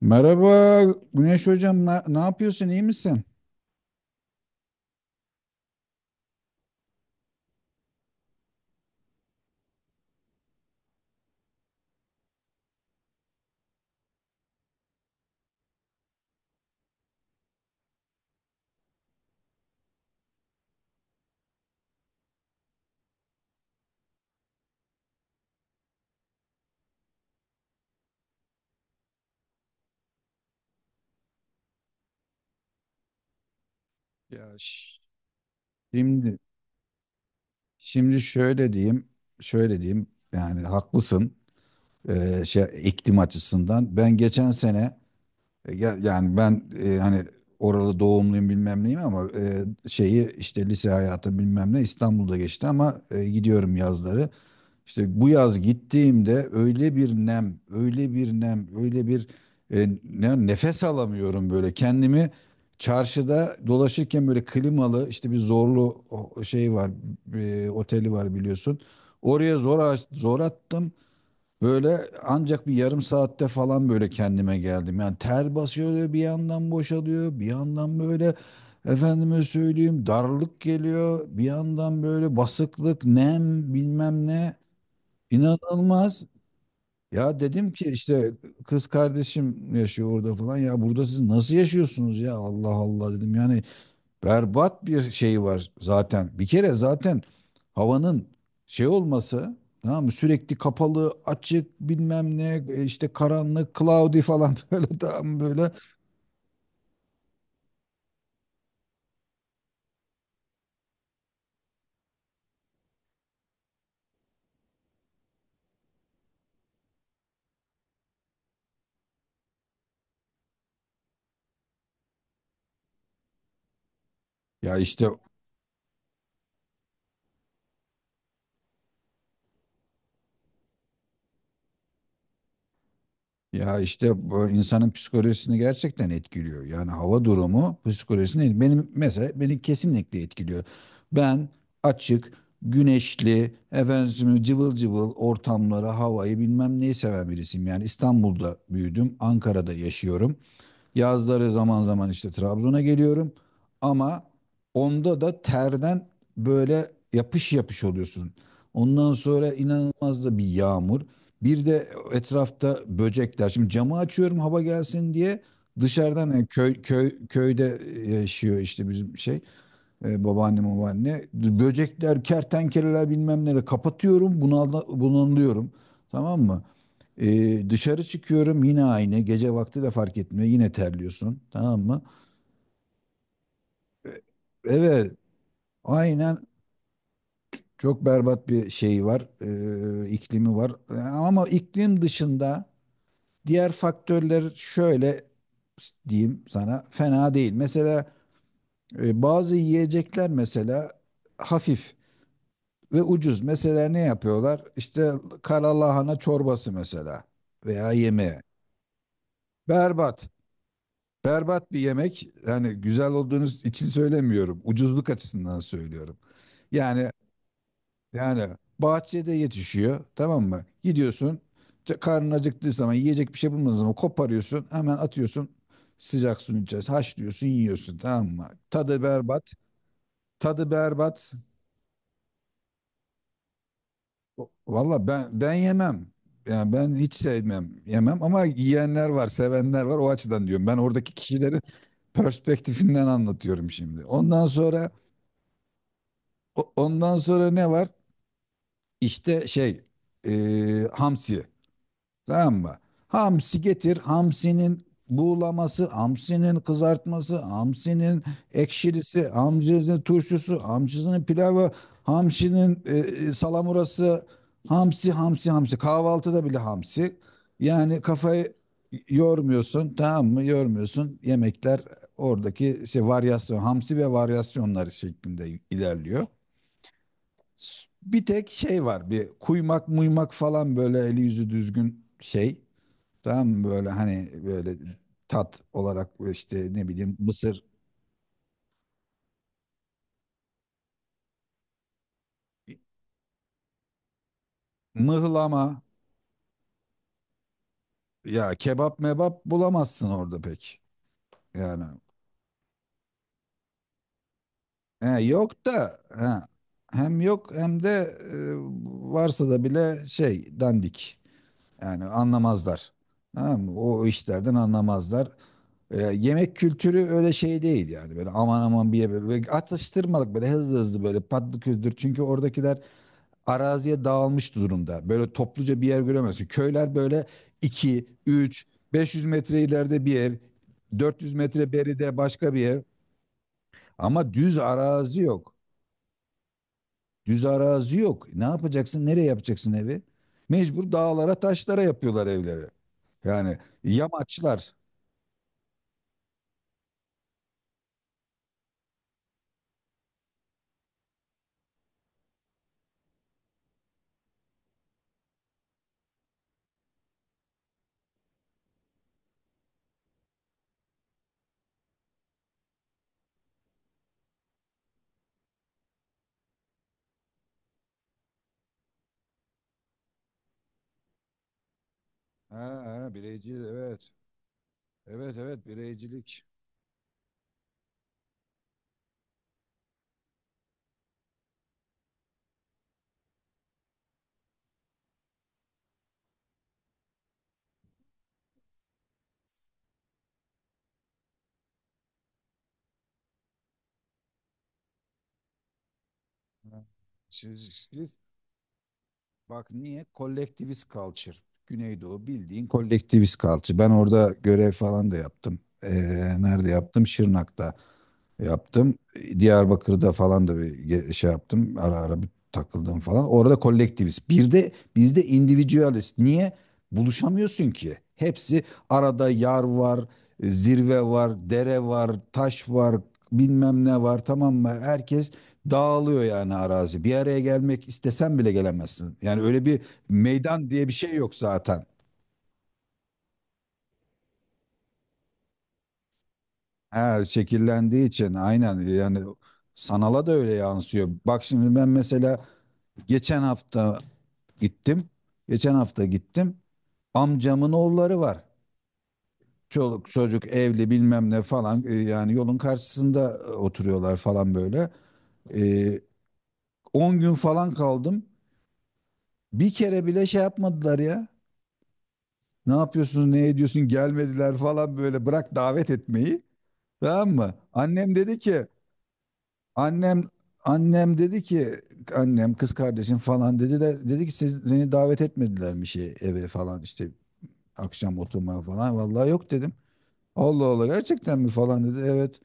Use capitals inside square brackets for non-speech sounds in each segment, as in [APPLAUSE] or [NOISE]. Merhaba Güneş Hocam, ne yapıyorsun, iyi misin? Ya ş- Şimdi, şimdi, şöyle diyeyim, yani haklısın şey iklim açısından. Ben geçen sene, yani ben hani oralı doğumluyum bilmem neyim ama şeyi işte lise hayatı bilmem ne İstanbul'da geçti ama gidiyorum yazları. İşte bu yaz gittiğimde öyle bir nem, öyle bir nem, öyle bir nefes alamıyorum böyle. Kendimi çarşıda dolaşırken böyle klimalı işte bir zorlu şey var, oteli var biliyorsun. Oraya zor attım. Böyle ancak bir yarım saatte falan böyle kendime geldim. Yani ter basıyor bir yandan boşalıyor, bir yandan böyle efendime söyleyeyim darlık geliyor, bir yandan böyle basıklık, nem bilmem ne. İnanılmaz. Ya dedim ki işte kız kardeşim yaşıyor orada falan. Ya burada siz nasıl yaşıyorsunuz ya? Allah Allah dedim. Yani berbat bir şey var zaten. Bir kere zaten havanın şey olması tamam mı? Sürekli kapalı, açık, bilmem ne işte karanlık, cloudy falan [LAUGHS] böyle tam böyle. Ya işte Ya işte bu insanın psikolojisini gerçekten etkiliyor. Yani hava durumu psikolojisini benim mesela beni kesinlikle etkiliyor. Ben açık, güneşli, efendim cıvıl cıvıl ortamları, havayı bilmem neyi seven birisiyim. Yani İstanbul'da büyüdüm, Ankara'da yaşıyorum. Yazları zaman zaman işte Trabzon'a geliyorum. Ama onda da terden böyle yapış yapış oluyorsun. Ondan sonra inanılmaz da bir yağmur. Bir de etrafta böcekler. Şimdi camı açıyorum hava gelsin diye. Dışarıdan yani köyde yaşıyor işte bizim şey babaanne babaanne. Böcekler, kertenkeleler bilmem neler kapatıyorum. Bunalıyorum. Tamam mı? Dışarı çıkıyorum yine aynı. Gece vakti de fark etmiyor. Yine terliyorsun. Tamam mı? Evet. Aynen, çok berbat bir şey var. İklimi var. Ama iklim dışında diğer faktörler şöyle diyeyim sana fena değil. Mesela bazı yiyecekler mesela hafif ve ucuz. Mesela ne yapıyorlar? İşte kara lahana çorbası mesela veya yemeği. Berbat. Berbat bir yemek. Yani güzel olduğunuz için söylemiyorum. Ucuzluk açısından söylüyorum. Yani yani bahçede yetişiyor tamam mı? Gidiyorsun karnın acıktığı zaman yiyecek bir şey bulmadığın zaman koparıyorsun hemen atıyorsun sıcak suyun içerisine haşlıyorsun yiyorsun tamam mı? Tadı berbat. Tadı berbat. Valla ben yemem. Yani ben hiç sevmem, yemem ama yiyenler var, sevenler var. O açıdan diyorum. Ben oradaki kişilerin [LAUGHS] perspektifinden anlatıyorum şimdi. Ondan sonra ne var? İşte şey hamsi. Tamam mı? Hamsi getir. Hamsinin buğulaması, hamsinin kızartması, hamsinin ekşilisi, hamsinin turşusu, hamsinin pilavı, hamsinin salamurası, hamsi, hamsi, hamsi. Kahvaltıda bile hamsi. Yani kafayı yormuyorsun, tamam mı? Yormuyorsun. Yemekler oradaki şey varyasyon, hamsi ve varyasyonlar şeklinde ilerliyor. Bir tek şey var bir kuymak muymak falan böyle eli yüzü düzgün şey tamam mı böyle hani böyle tat olarak işte ne bileyim mısır mıhlama ya kebap mebap bulamazsın orada pek yani he, yok da he, hem yok hem de e, varsa da bile şey dandik yani anlamazlar tamam mı? O işlerden anlamazlar. Yemek kültürü öyle şey değil yani böyle aman aman bir yere böyle atıştırmalık böyle hızlı hızlı böyle patlı küldür çünkü oradakiler araziye dağılmış durumda böyle topluca bir yer göremezsin köyler böyle iki üç 500 metre ileride bir ev 400 metre beride başka bir ev ama düz arazi yok düz arazi yok ne yapacaksın nereye yapacaksın evi mecbur dağlara taşlara yapıyorlar evleri yani yamaçlar. Ha, ha, bireyci, evet evet evet, bireycilik. Ha. Siz, Bak niye? Kolektivist culture. Güneydoğu bildiğin kolektivist culture. Ben orada görev falan da yaptım. Nerede yaptım? Şırnak'ta yaptım. Diyarbakır'da falan da bir şey yaptım. Ara ara bir takıldım falan. Orada kolektivist. Bir de bizde individualist. Niye? Buluşamıyorsun ki. Hepsi arada yar var, zirve var, dere var, taş var, bilmem ne var tamam mı? Herkes dağılıyor yani arazi. Bir araya gelmek istesen bile gelemezsin. Yani öyle bir meydan diye bir şey yok zaten. Ha, şekillendiği için aynen yani sanala da öyle yansıyor. Bak şimdi ben mesela geçen hafta gittim. Geçen hafta gittim. Amcamın oğulları var. Çoluk çocuk evli bilmem ne falan yani yolun karşısında oturuyorlar falan böyle. E, 10 gün falan kaldım. Bir kere bile şey yapmadılar ya. Ne yapıyorsun, ne ediyorsun gelmediler falan böyle bırak davet etmeyi. Tamam mı? Annem dedi ki annem annem dedi ki annem kız kardeşim falan dedi de dedi ki siz seni davet etmediler mi şey eve falan işte akşam oturmaya falan. Vallahi yok dedim. Allah Allah gerçekten mi falan dedi. Evet.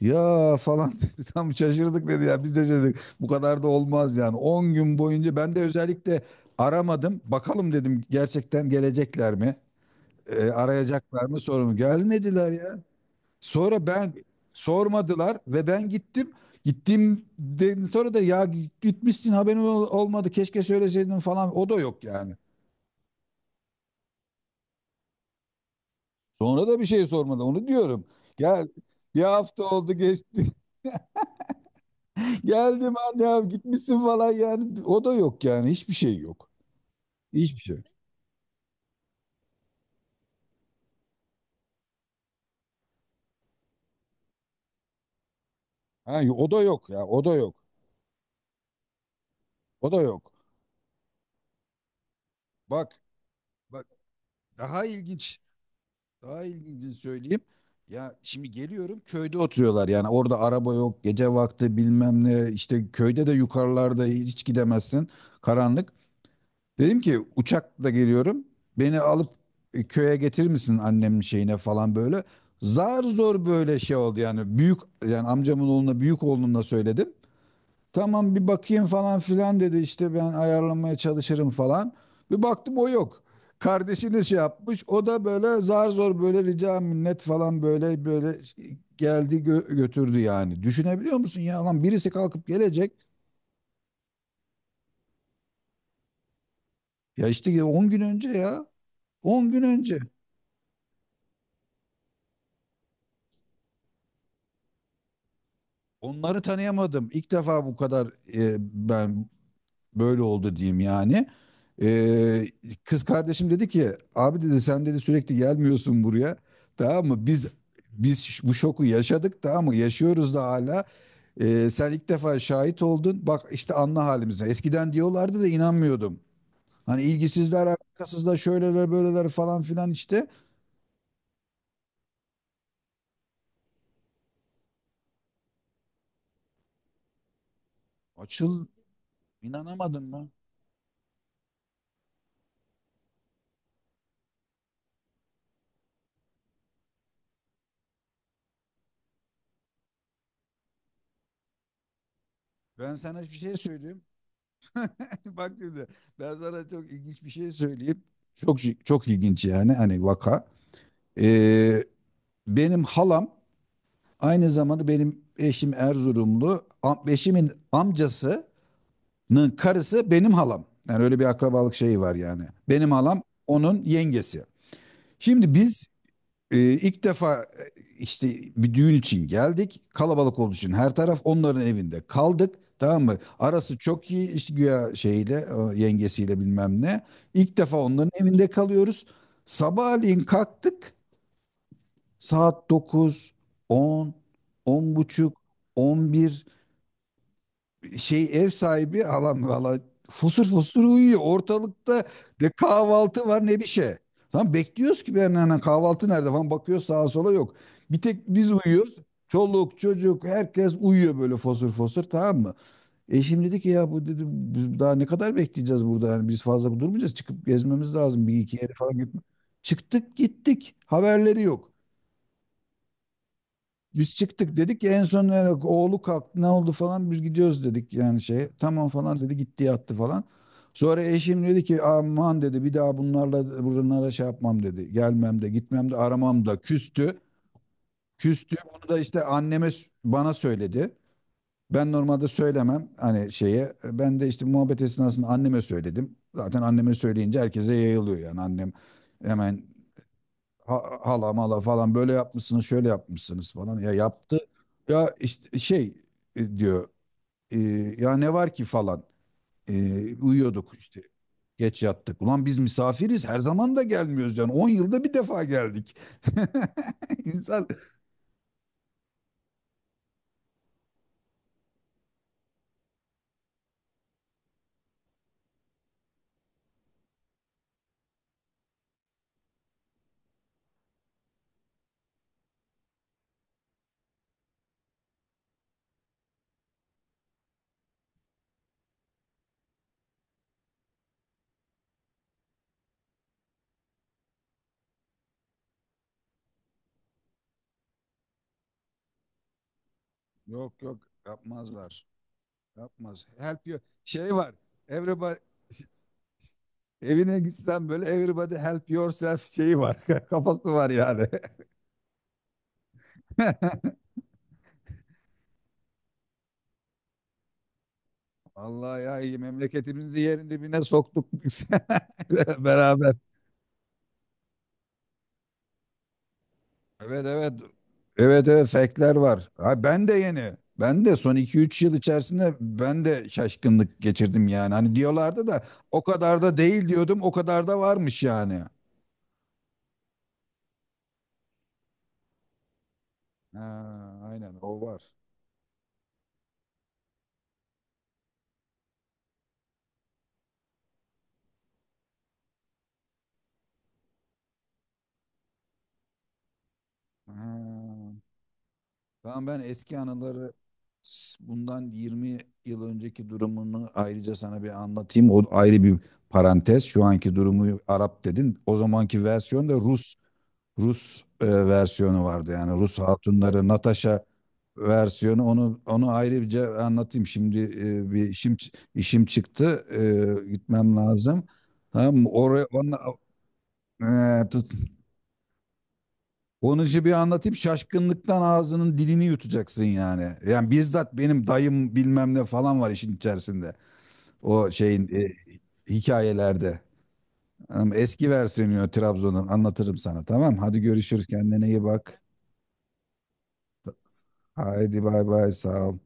Ya falan [LAUGHS] dedi. Tam şaşırdık dedi ya. Biz de şaşırdık. Bu kadar da olmaz yani. 10 gün boyunca ben de özellikle aramadım. Bakalım dedim gerçekten gelecekler mi? Arayacaklar mı sorum. Gelmediler ya. Sonra ben sormadılar ve ben gittim. Gittiğimden sonra da ya gitmişsin haberim olmadı keşke söyleseydin falan o da yok yani. Sonra da bir şey sormadı. Onu diyorum. Gel bir hafta oldu geçti. [LAUGHS] Geldim anne abi gitmişsin falan yani. O da yok yani. Hiçbir şey yok. Hiçbir şey. Ha, o da yok ya. O da yok. O da yok. Bak bak daha ilginç. Daha ilginci söyleyeyim. Ya şimdi geliyorum köyde oturuyorlar yani orada araba yok gece vakti bilmem ne işte köyde de yukarılarda hiç gidemezsin karanlık. Dedim ki uçakla geliyorum. Beni alıp köye getirir misin annemin şeyine falan böyle. Zar zor böyle şey oldu yani büyük yani amcamın oğluna büyük oğluna söyledim. Tamam bir bakayım falan filan dedi işte ben ayarlamaya çalışırım falan. Bir baktım o yok. Kardeşini şey yapmış o da böyle zar zor böyle rica minnet falan böyle böyle geldi götürdü yani. Düşünebiliyor musun ya lan birisi kalkıp gelecek. Ya işte 10 gün önce ya 10 gün önce. Onları tanıyamadım. İlk defa bu kadar ben böyle oldu diyeyim yani. E, kız kardeşim dedi ki abi dedi sen dedi sürekli gelmiyorsun buraya. Tamam mı? Biz bu şoku yaşadık tamam mı? Yaşıyoruz da hala. Sen ilk defa şahit oldun. Bak işte anla halimize. Eskiden diyorlardı da inanmıyordum. Hani ilgisizler, alakasızlar, şöyleler, böyleler falan filan işte. Açıl inanamadım ben. Ben sana hiçbir şey söyleyeyim. [LAUGHS] Bak şimdi ben sana çok ilginç bir şey söyleyeyim. Çok çok ilginç yani hani vaka. Ee, benim halam aynı zamanda benim eşim Erzurumlu. Eşimin amcasının karısı benim halam. Yani öyle bir akrabalık şeyi var yani. Benim halam onun yengesi. Şimdi biz ilk defa işte bir düğün için geldik. Kalabalık olduğu için her taraf onların evinde kaldık. Tamam mı? Arası çok iyi işte güya şeyle o yengesiyle bilmem ne. İlk defa onların evinde kalıyoruz. Sabahleyin kalktık. Saat dokuz, on, on buçuk, on bir, şey ev sahibi halam valla fosur fosur uyuyor. Ortalıkta ne kahvaltı var ne bir şey. Tamam bekliyoruz ki ben hani kahvaltı nerede falan bakıyoruz sağa sola yok. Bir tek biz uyuyoruz. Çoluk çocuk herkes uyuyor böyle fosur fosur tamam mı? Eşim dedi ki ya bu dedim biz daha ne kadar bekleyeceğiz burada yani biz fazla durmayacağız çıkıp gezmemiz lazım bir iki yere falan gitme. Çıktık gittik haberleri yok. Biz çıktık dedik en son yani oğlu kalktı ne oldu falan biz gidiyoruz dedik yani şey tamam falan dedi gitti yattı falan. Sonra eşim dedi ki aman dedi bir daha bunlarla bunlara şey yapmam dedi. Gelmem de gitmem de aramam da küstü. Küstü bunu da işte anneme bana söyledi. Ben normalde söylemem hani şeye. Ben de işte muhabbet esnasında anneme söyledim. Zaten anneme söyleyince herkese yayılıyor yani annem hemen hala mala falan böyle yapmışsınız şöyle yapmışsınız falan ya yaptı ya işte şey diyor e, ya ne var ki falan. E, Uyuyorduk işte geç yattık ulan biz misafiriz her zaman da gelmiyoruz yani 10 yılda bir defa geldik [LAUGHS] insan yok yok yapmazlar yapmaz help you şey var everybody evine gitsen böyle everybody help yourself şeyi var [LAUGHS] kafası var yani. [LAUGHS] Vallahi ya iyi memleketimizi yerin dibine soktuk biz [LAUGHS] beraber. Evet evet. Evet evet fake'ler var. Ha, ben de yeni. Ben de son iki üç yıl içerisinde ben de şaşkınlık geçirdim yani. Hani diyorlardı da o kadar da değil diyordum. O kadar da varmış yani. Ha, aynen o var. Ha. Tamam ben eski anıları bundan 20 yıl önceki durumunu ayrıca sana bir anlatayım. O ayrı bir parantez. Şu anki durumu Arap dedin. O zamanki versiyon da Rus versiyonu vardı. Yani Rus hatunları Natasha versiyonu onu ayrıca anlatayım. Şimdi bir işim çıktı. Gitmem lazım. Tamam mı? Oraya onun için bir anlatayım. Şaşkınlıktan ağzının dilini yutacaksın yani. Yani bizzat benim dayım bilmem ne falan var işin içerisinde. O şeyin hikayelerde. Eski versiyonu Trabzon'un anlatırım sana tamam. Hadi görüşürüz kendine iyi bak. Haydi bay bay sağ ol.